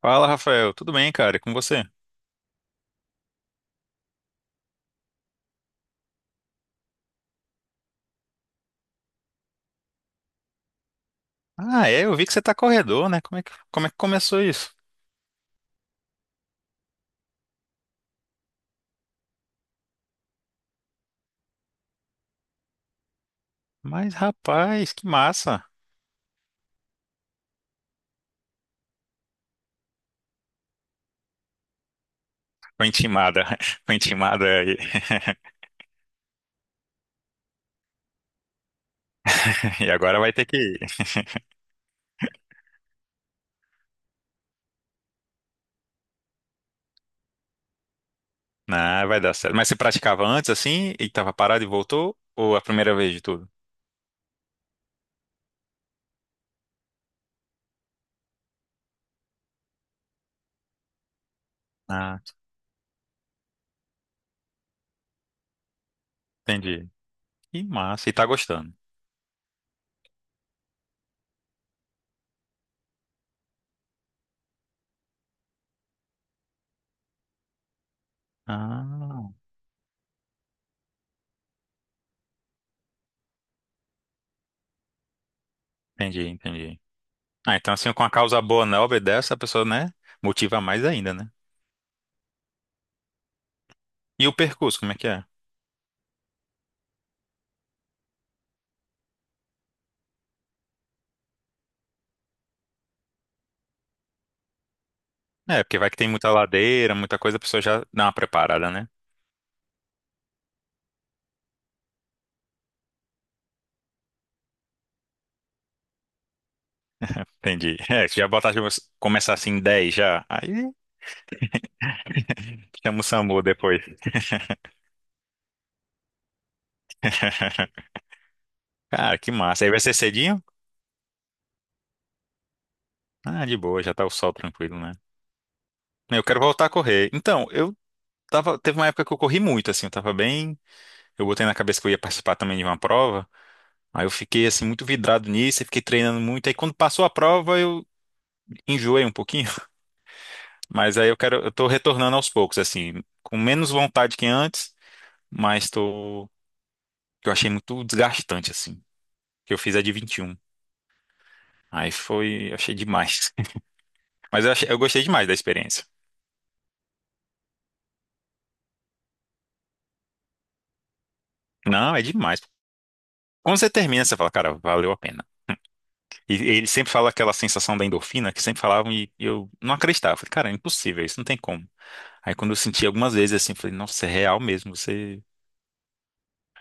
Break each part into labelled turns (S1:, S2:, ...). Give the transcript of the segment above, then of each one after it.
S1: Fala, Rafael. Tudo bem, cara? E com você? Ah, é, eu vi que você tá corredor, né? Como é que começou isso? Mas, rapaz, que massa. Foi intimada. Foi intimada e agora vai ter que ir. Não, vai dar certo. Mas você praticava antes, assim, e tava parado e voltou? Ou a primeira vez de tudo? Ah, entendi. Que massa. E tá gostando? Ah, entendi. Ah, então assim, com a causa boa, nobre dessa, a pessoa, né, motiva mais ainda, né? E o percurso, como é que é? É, porque vai que tem muita ladeira, muita coisa, a pessoa já dá uma preparada, né? Entendi. É, se já botar, tipo, começar assim 10 já, aí chama o SAMU depois. Cara, que massa. Aí vai ser cedinho? Ah, de boa, já tá o sol tranquilo, né? Eu quero voltar a correr. Então, teve uma época que eu corri muito, assim, eu tava bem, eu botei na cabeça que eu ia participar também de uma prova, aí eu fiquei, assim, muito vidrado nisso, e fiquei treinando muito, aí quando passou a prova eu enjoei um pouquinho. Mas aí eu quero, eu tô retornando aos poucos, assim, com menos vontade que antes, mas tô, que eu achei muito desgastante, assim, que eu fiz a de 21. Aí foi, eu achei demais. Eu gostei demais da experiência. Não, é demais. Quando você termina, você fala, cara, valeu a pena. E ele sempre fala aquela sensação da endorfina que sempre falavam e eu não acreditava. Falei, cara, é impossível, isso não tem como. Aí quando eu senti algumas vezes assim, falei, nossa, é real mesmo, você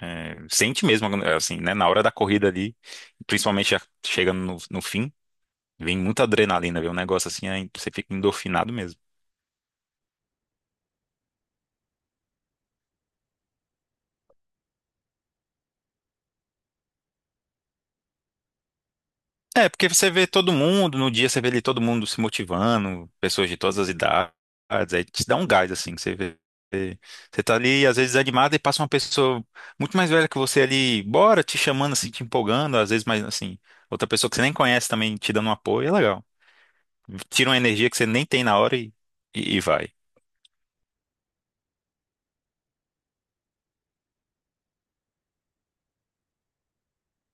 S1: é, sente mesmo, assim, né? Na hora da corrida ali, principalmente já chegando no fim. Vem muita adrenalina, vem um negócio assim, aí você fica endorfinado mesmo. É, porque você vê todo mundo, no dia você vê ali todo mundo se motivando, pessoas de todas as idades, aí te dá um gás, assim, que você vê. Você tá ali, às vezes, animado e passa uma pessoa muito mais velha que você ali, bora, te chamando, assim, te empolgando, às vezes, mais assim, outra pessoa que você nem conhece também te dando um apoio, é legal. Tira uma energia que você nem tem na hora e vai.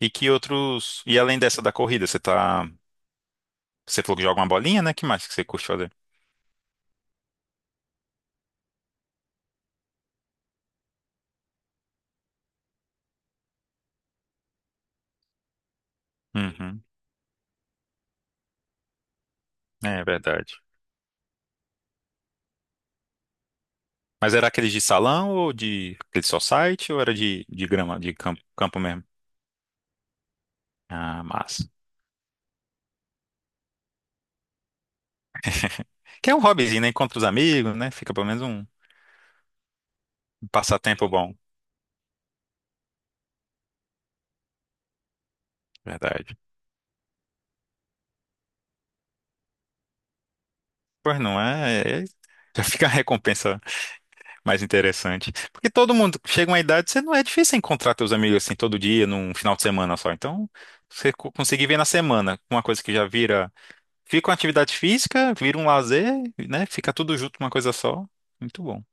S1: E que outros. E além dessa da corrida, você tá. Você falou que joga uma bolinha, né? Que mais que você curte fazer? Uhum. É verdade. Mas era aqueles de salão ou de aquele society ou era de grama, de campo, campo mesmo? Ah, massa. Que é um hobbyzinho, né? Encontra os amigos, né? Fica pelo menos um um passatempo bom. Verdade. Pois não é. Já fica a recompensa mais interessante. Porque todo mundo chega uma idade, você não é difícil encontrar teus amigos assim todo dia, num final de semana só. Então, você co- conseguir ver na semana uma coisa que já vira. Fica uma atividade física, vira um lazer, né? Fica tudo junto, uma coisa só. Muito bom.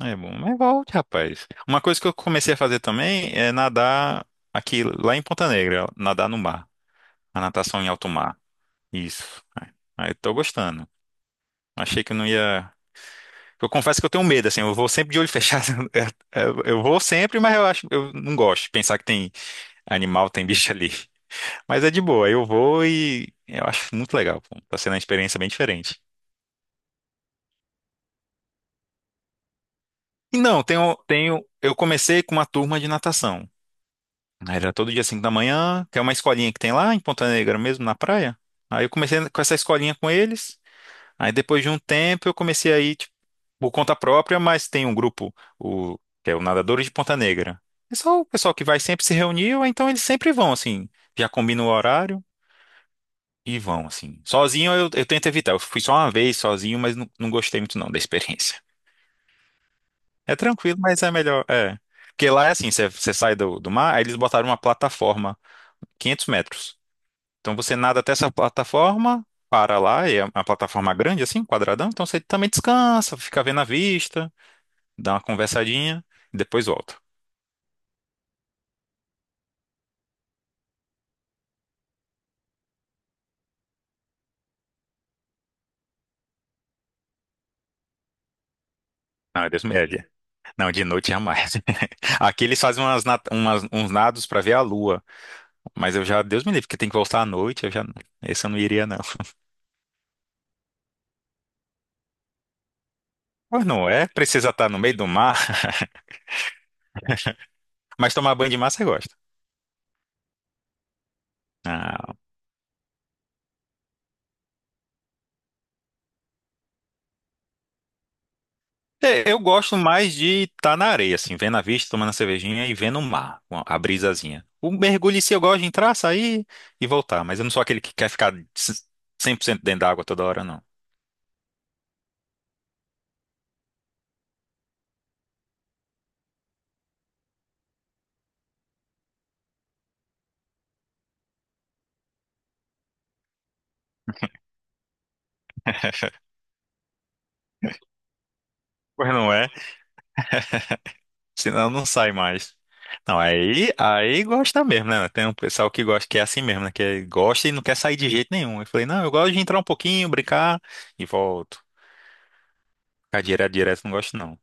S1: É bom, mas volte, rapaz. Uma coisa que eu comecei a fazer também é nadar aqui, lá em Ponta Negra, nadar no mar. A natação em alto mar. Isso. Aí tô gostando. Achei que não ia. Eu confesso que eu tenho medo, assim, eu vou sempre de olho fechado. Eu vou sempre, mas eu acho, eu não gosto de pensar que tem animal, tem bicho ali. Mas é de boa, eu vou e eu acho muito legal, pô. Tá sendo uma experiência bem diferente. E não, eu comecei com uma turma de natação. Era todo dia 5 da manhã, que é uma escolinha que tem lá em Ponta Negra mesmo, na praia. Aí eu comecei com essa escolinha com eles. Aí depois de um tempo eu comecei a ir, tipo, por conta própria, mas tem um grupo, o, que é o Nadadores de Ponta Negra. É só o pessoal que vai sempre se reunir, ou então eles sempre vão, assim, já combinam o horário e vão, assim. Sozinho eu tento evitar. Eu fui só uma vez sozinho, mas não gostei muito não da experiência. É tranquilo, mas é melhor, é. Porque lá é assim, você sai do mar, aí eles botaram uma plataforma 500 metros. Então você nada até essa plataforma, para lá, é uma plataforma grande assim, quadradão, então você também descansa, fica vendo a vista, dá uma conversadinha, e depois volta. Não, é Deus me livre. Não, de noite jamais. Aqui eles fazem uns nados para ver a lua, mas eu já, Deus me livre, porque tem que voltar à noite, esse eu não iria não. Pois não é, precisa estar no meio do mar, mas tomar banho de mar você gosta. Ah, é, eu gosto mais de estar na areia, assim, vendo a vista, tomando a cervejinha e vendo o mar, com a brisazinha. O mergulho em si eu gosto de entrar, sair e voltar, mas eu não sou aquele que quer 100% dentro da água toda hora, não. Pois não é? Senão não sai mais. Não, aí gosta mesmo, né? Tem um pessoal que gosta, que é assim mesmo, né? Que gosta e não quer sair de jeito nenhum. Eu falei, não, eu gosto de entrar um pouquinho, brincar e volto. Ficar não gosto, não.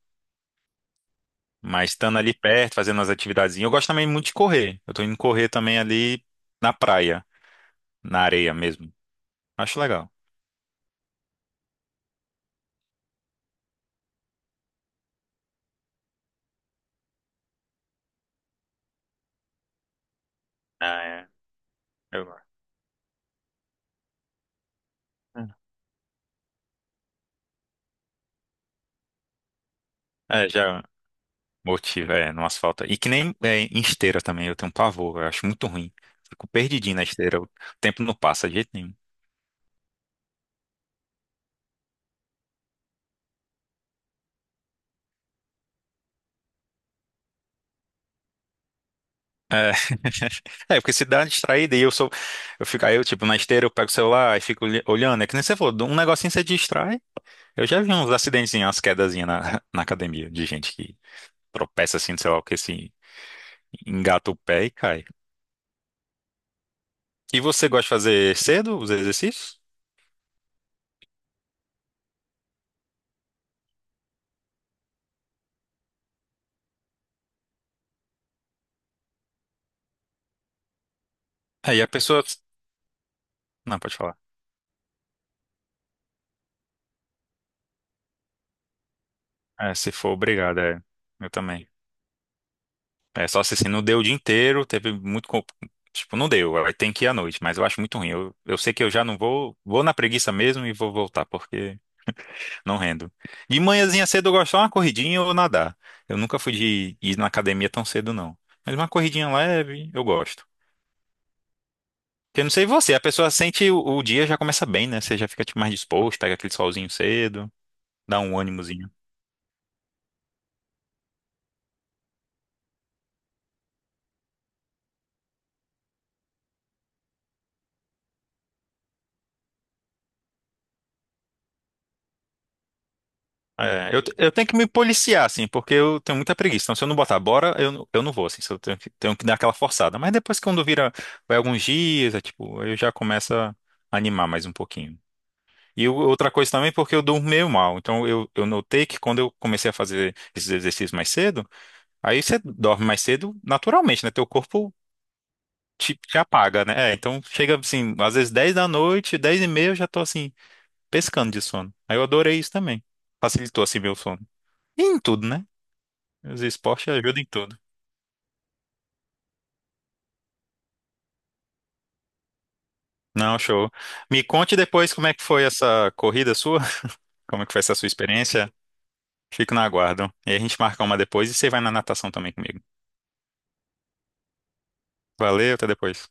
S1: Mas estando ali perto, fazendo as atividades. Eu gosto também muito de correr. Eu tô indo correr também ali na praia, na areia mesmo. Acho legal. Ah, é. Eu gosto. Já motiva é, no asfalto. E que nem é, em esteira também, eu tenho um pavor, eu acho muito ruim. Fico perdidinho na esteira, o tempo não passa de jeito nenhum. É, porque se dá uma distraída e eu sou. Eu fico, aí eu, tipo, na esteira eu pego o celular e fico olhando. É que nem você falou, um negocinho você distrai. Eu já vi uns acidentezinhos, umas quedazinhas na, na academia de gente que tropeça assim, sei lá o que, se engata o pé e cai. E você gosta de fazer cedo os exercícios? Aí a pessoa. Não, pode falar. É, se for obrigada, é. Eu também. É só se assim, não deu o dia inteiro, teve muito. Co- Tipo, não deu, aí tem que ir à noite, mas eu acho muito ruim. Eu sei que eu já não vou na preguiça mesmo e vou voltar, porque não rendo. De manhãzinha cedo eu gosto só uma corridinha ou nadar. Eu nunca fui de ir na academia tão cedo, não. Mas uma corridinha leve, eu gosto. Eu não sei você, a pessoa sente o dia já começa bem, né? Você já fica tipo, mais disposto, pega aquele solzinho cedo, dá um ânimozinho. É, eu tenho que me policiar, assim, porque eu tenho muita preguiça. Então, se eu não botar bora, eu não vou, assim, se eu tenho tenho que dar aquela forçada. Mas depois que quando vira, vai alguns dias, é, tipo, eu já começo a animar mais um pouquinho. E outra coisa também, porque eu durmo meio mal. Então, eu notei que quando eu comecei a fazer esses exercícios mais cedo, aí você dorme mais cedo naturalmente, né? Teu corpo te apaga, né? É, então chega assim, às vezes 10 da noite, 10:30 eu já tô assim, pescando de sono. Aí eu adorei isso também. Facilitou assim meu sono. E em tudo, né? Os esportes ajudam em tudo. Não, show. Me conte depois como é que foi essa corrida sua, como é que foi essa sua experiência. Fico na aguardo. E a gente marca uma depois e você vai na natação também comigo. Valeu, até depois.